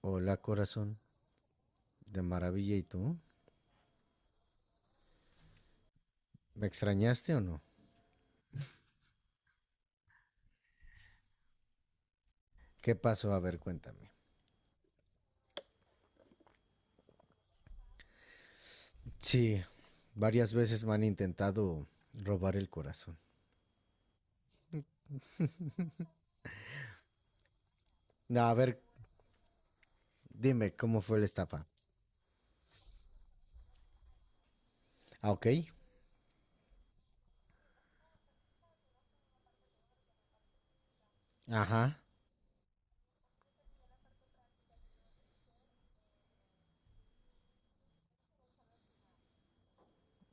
Hola corazón, de maravilla y tú. ¿Me extrañaste o no? ¿Qué pasó? A ver, cuéntame. Sí, varias veces me han intentado robar el corazón. No, a ver, dime, ¿cómo fue la estafa? Ah, ok. Ajá.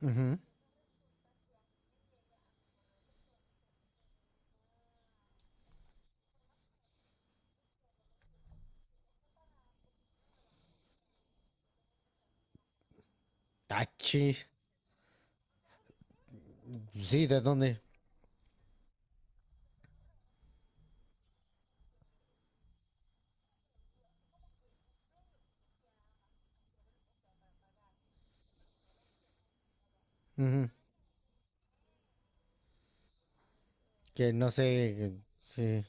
Ujú. Tachi. Sí, ¿de dónde? Ujú. Que no sé. Sí.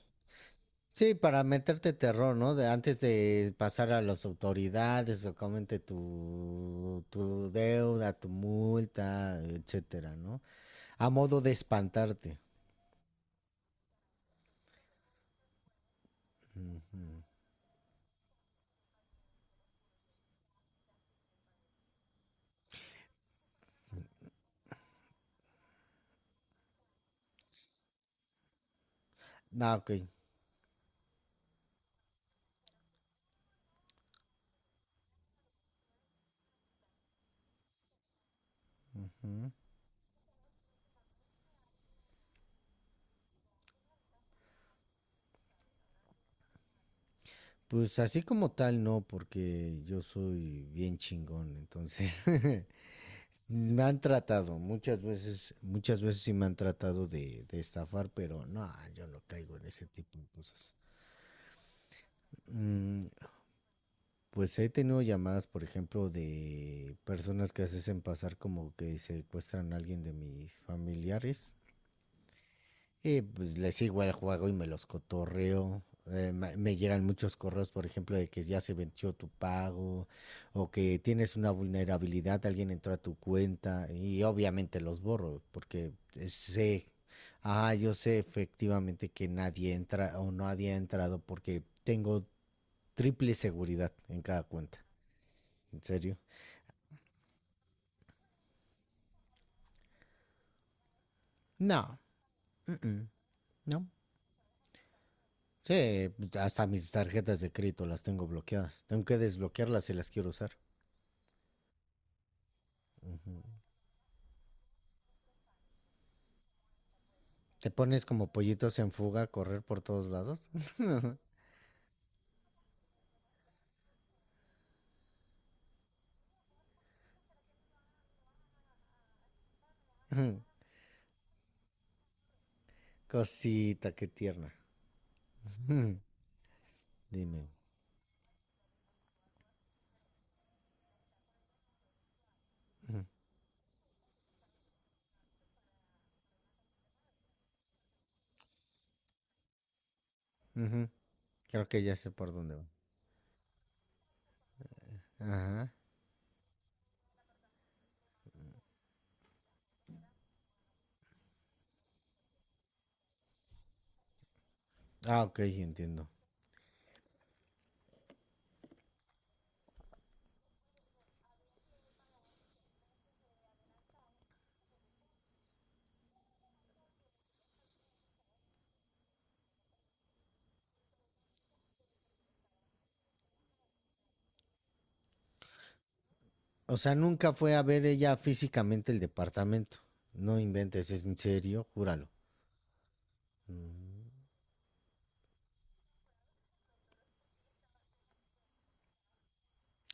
Sí, para meterte terror, ¿no? De antes de pasar a las autoridades o comente tu deuda, tu multa, etcétera, ¿no? A modo de espantarte. Ujú. Ah, ok. Ujú. Pues así como tal, no, porque yo soy bien chingón, entonces me han tratado muchas veces sí me han tratado de estafar, pero no, yo no caigo en ese tipo de cosas. Mm, pues he tenido llamadas, por ejemplo, de personas que se hacen pasar como que secuestran a alguien de mis familiares. Y pues les sigo el juego y me los cotorreo. Me llegan muchos correos, por ejemplo, de que ya se venció tu pago o que tienes una vulnerabilidad, alguien entró a tu cuenta y obviamente los borro porque sé, ah, yo sé efectivamente que nadie entra o nadie ha entrado porque tengo triple seguridad en cada cuenta. ¿En serio? No, mm-mm, no. Sí, hasta mis tarjetas de crédito las tengo bloqueadas. Tengo que desbloquearlas si las quiero usar. Te pones como pollitos en fuga a correr por todos lados. Cosita, qué tierna. Dime. Ujú. Creo que ya sé por dónde va. Ajá. Ah, ok, entiendo. O sea, nunca fue a ver ella físicamente el departamento. No inventes, es en serio, júralo. Mm,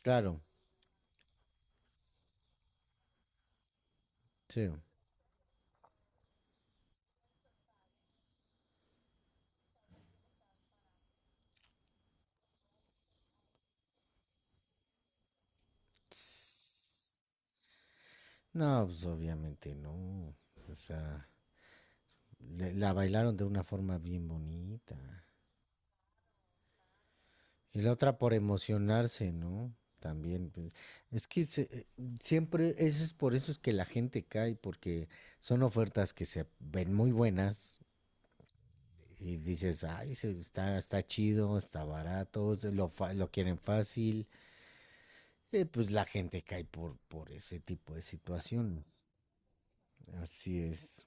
claro, sí. No, pues obviamente no. O sea, la bailaron de una forma bien bonita. Y la otra por emocionarse, ¿no? También. Pues, es que siempre, eso es por eso es que la gente cae, porque son ofertas que se ven muy buenas y dices, ay, está, está chido, está barato, se lo, lo quieren fácil. Pues la gente cae por ese tipo de situaciones. Así es.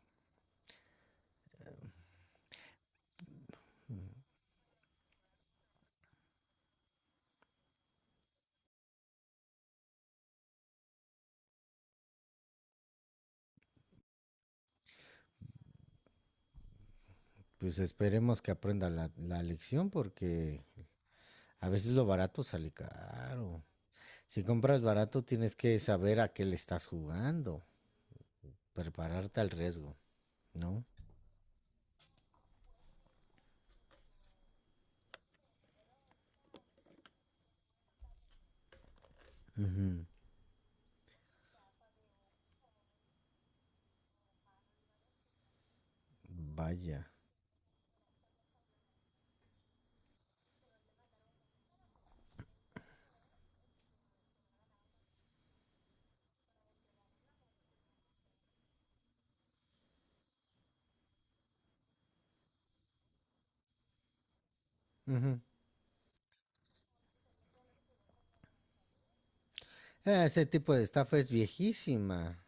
Pues esperemos que aprenda la, la lección porque a veces lo barato sale caro. Si compras barato tienes que saber a qué le estás jugando. Prepararte al riesgo, ¿no? Uh -huh. Vaya. Uh -huh. Ese tipo de estafa es viejísima.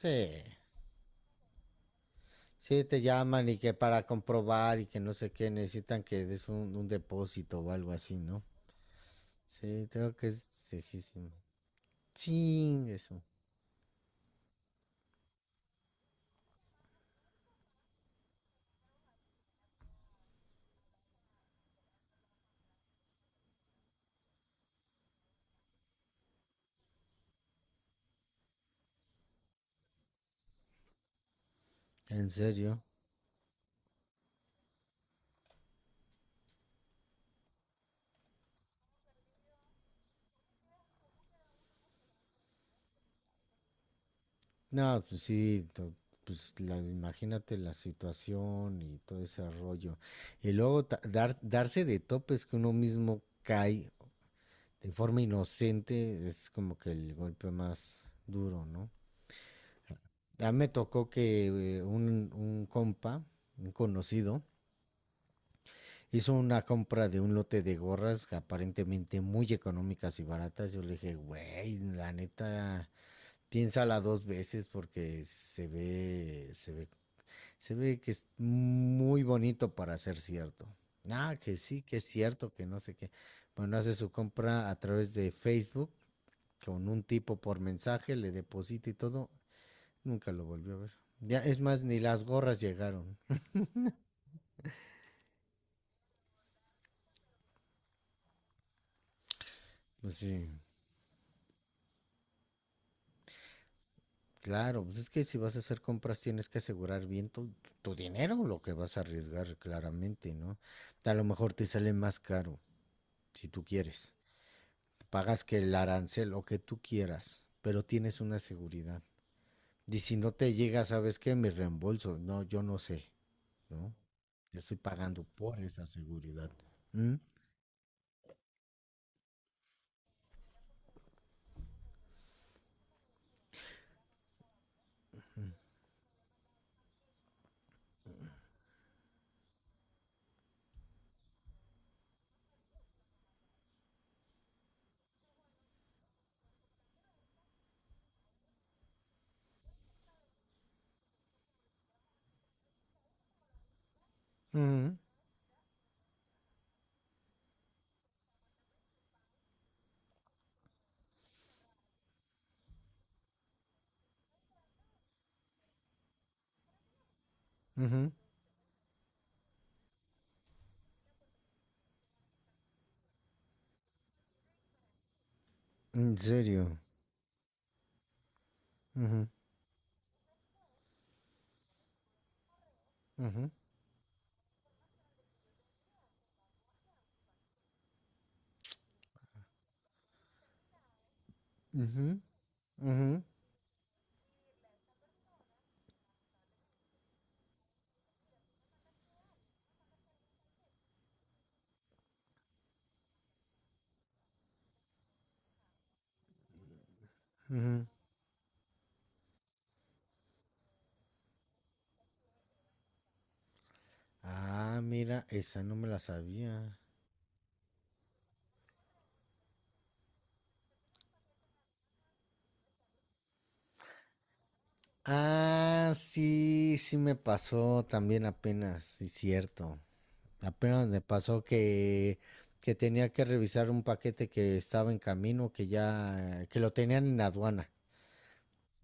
Sí. Sí, te llaman y que para comprobar y que no sé qué necesitan que des un depósito o algo así, ¿no? Sí, creo que es viejísimo. Ching, eso. ¿En serio? No, pues sí, no, pues la, imagínate la situación y todo ese rollo. Y luego darse de topes que uno mismo cae de forma inocente es como que el golpe más duro, ¿no? A mí me tocó que un compa, un conocido, hizo una compra de un lote de gorras aparentemente muy económicas y baratas. Yo le dije, güey, la neta, piénsala dos veces porque se ve, se ve, se ve que es muy bonito para ser cierto. Ah, que sí, que es cierto, que no sé qué. Bueno, hace su compra a través de Facebook con un tipo por mensaje, le deposita y todo, nunca lo volvió a ver. Ya, es más, ni las gorras llegaron. Pues sí, claro, pues es que si vas a hacer compras tienes que asegurar bien tu, tu dinero, lo que vas a arriesgar claramente, ¿no? A lo mejor te sale más caro, si tú quieres. Pagas que el arancel, lo que tú quieras, pero tienes una seguridad. Y si no te llega, ¿sabes qué? Mi reembolso. No, yo no sé, ¿no? Estoy pagando por esa seguridad. ¿Mm? Ujú, ujú. ¿En serio? Ujú, ujú, ujú, ujú, ujú. Ah, mira, esa no me la sabía. Ah, sí, sí me pasó también apenas, sí, cierto. Apenas me pasó que tenía que revisar un paquete que estaba en camino, que ya, que lo tenían en aduana.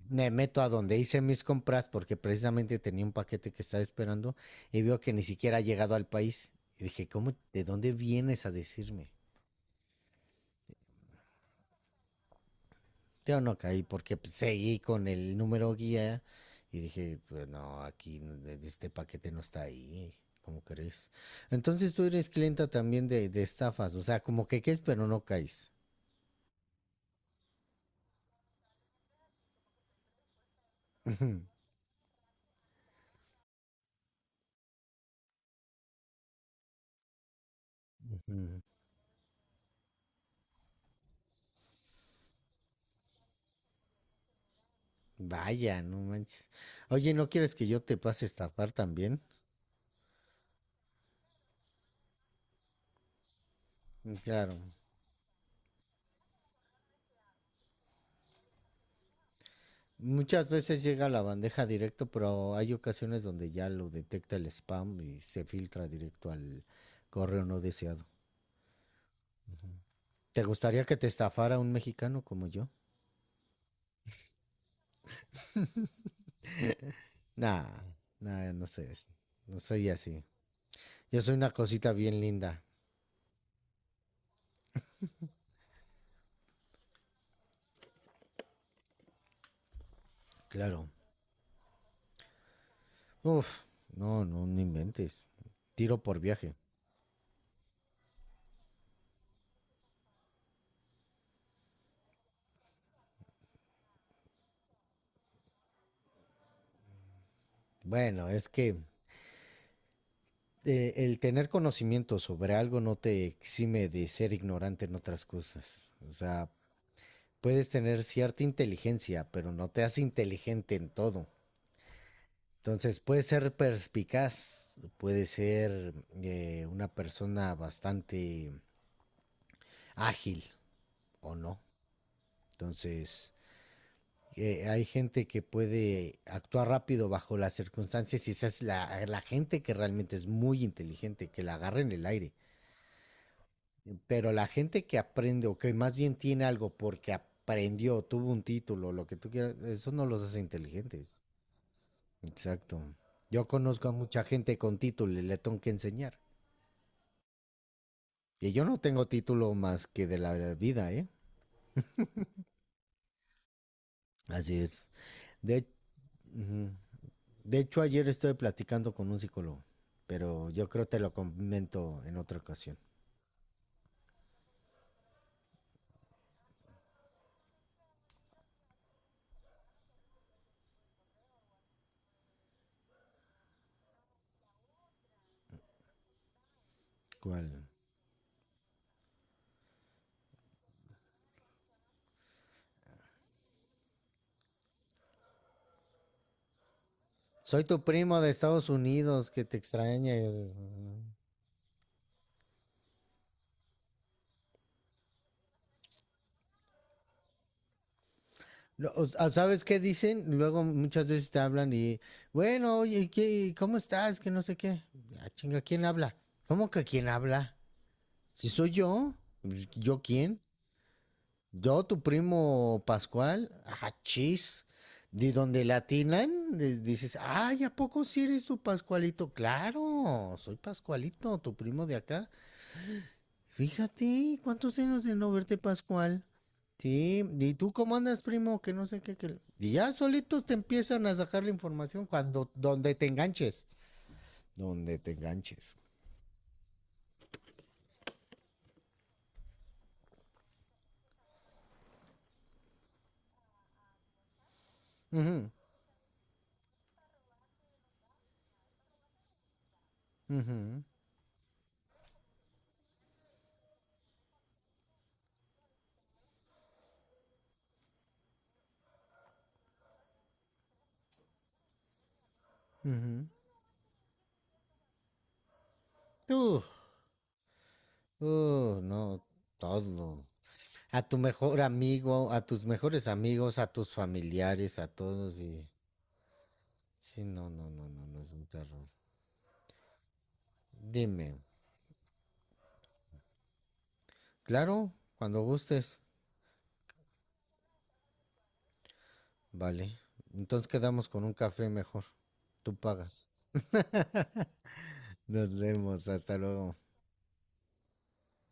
Me meto a donde hice mis compras porque precisamente tenía un paquete que estaba esperando y veo que ni siquiera ha llegado al país. Y dije, ¿cómo, de dónde vienes a decirme? Yo no caí porque pues, seguí con el número guía y dije, pues no, aquí este paquete no está ahí, ¿cómo crees? Entonces tú eres clienta también de estafas, o sea, como que caes pero no caes. Ujú. Vaya, no manches. Oye, ¿no quieres que yo te pase a estafar también? Mm, claro. Muchas veces llega a la bandeja directo, pero hay ocasiones donde ya lo detecta el spam y se filtra directo al correo no deseado. ¿Te gustaría que te estafara un mexicano como yo? Nah, nah, no sé. No soy así. Yo soy una cosita bien linda. Claro. Uf, no, no, no inventes. Tiro por viaje. Bueno, es que el tener conocimiento sobre algo no te exime de ser ignorante en otras cosas. O sea, puedes tener cierta inteligencia, pero no te hace inteligente en todo. Entonces, puedes ser perspicaz, puedes ser una persona bastante ágil o no. Entonces, hay gente que puede actuar rápido bajo las circunstancias y esa es la, la gente que realmente es muy inteligente, que la agarra en el aire. Pero la gente que aprende o que más bien tiene algo porque aprendió, tuvo un título, lo que tú quieras, eso no los hace inteligentes. Exacto. Yo conozco a mucha gente con título y le tengo que enseñar. Y yo no tengo título más que de la vida, ¿eh? Así es. De, uh -huh. De hecho, ayer estuve platicando con un psicólogo, pero yo creo te lo comento en otra ocasión. ¿Cuál? Soy tu primo de Estados Unidos, que te extraña. ¿Sabes qué dicen? Luego muchas veces te hablan y, bueno, oye, ¿qué, ¿cómo estás? Que no sé qué. Ah, chinga, ¿quién habla? ¿Cómo que quién habla? Si soy yo, pues, ¿yo quién? Yo, tu primo Pascual, ah, chis. De donde le atinan, dices, ay, ¿a poco si eres tu Pascualito? Claro, soy Pascualito, tu primo de acá. Fíjate, ¿cuántos años de no verte, Pascual? Sí, ¿y tú cómo andas, primo? Que no sé qué, que... Y ya solitos te empiezan a sacar la información cuando, donde te enganches. Donde te enganches. Ujú, ujú, ujú. Tú, no, todo. A tu mejor amigo, a tus mejores amigos, a tus familiares, a todos y... Sí, no, no, no, no, no es un terror. Dime. Claro, cuando gustes. Vale. Entonces quedamos con un café mejor. Tú pagas. Nos vemos, hasta luego.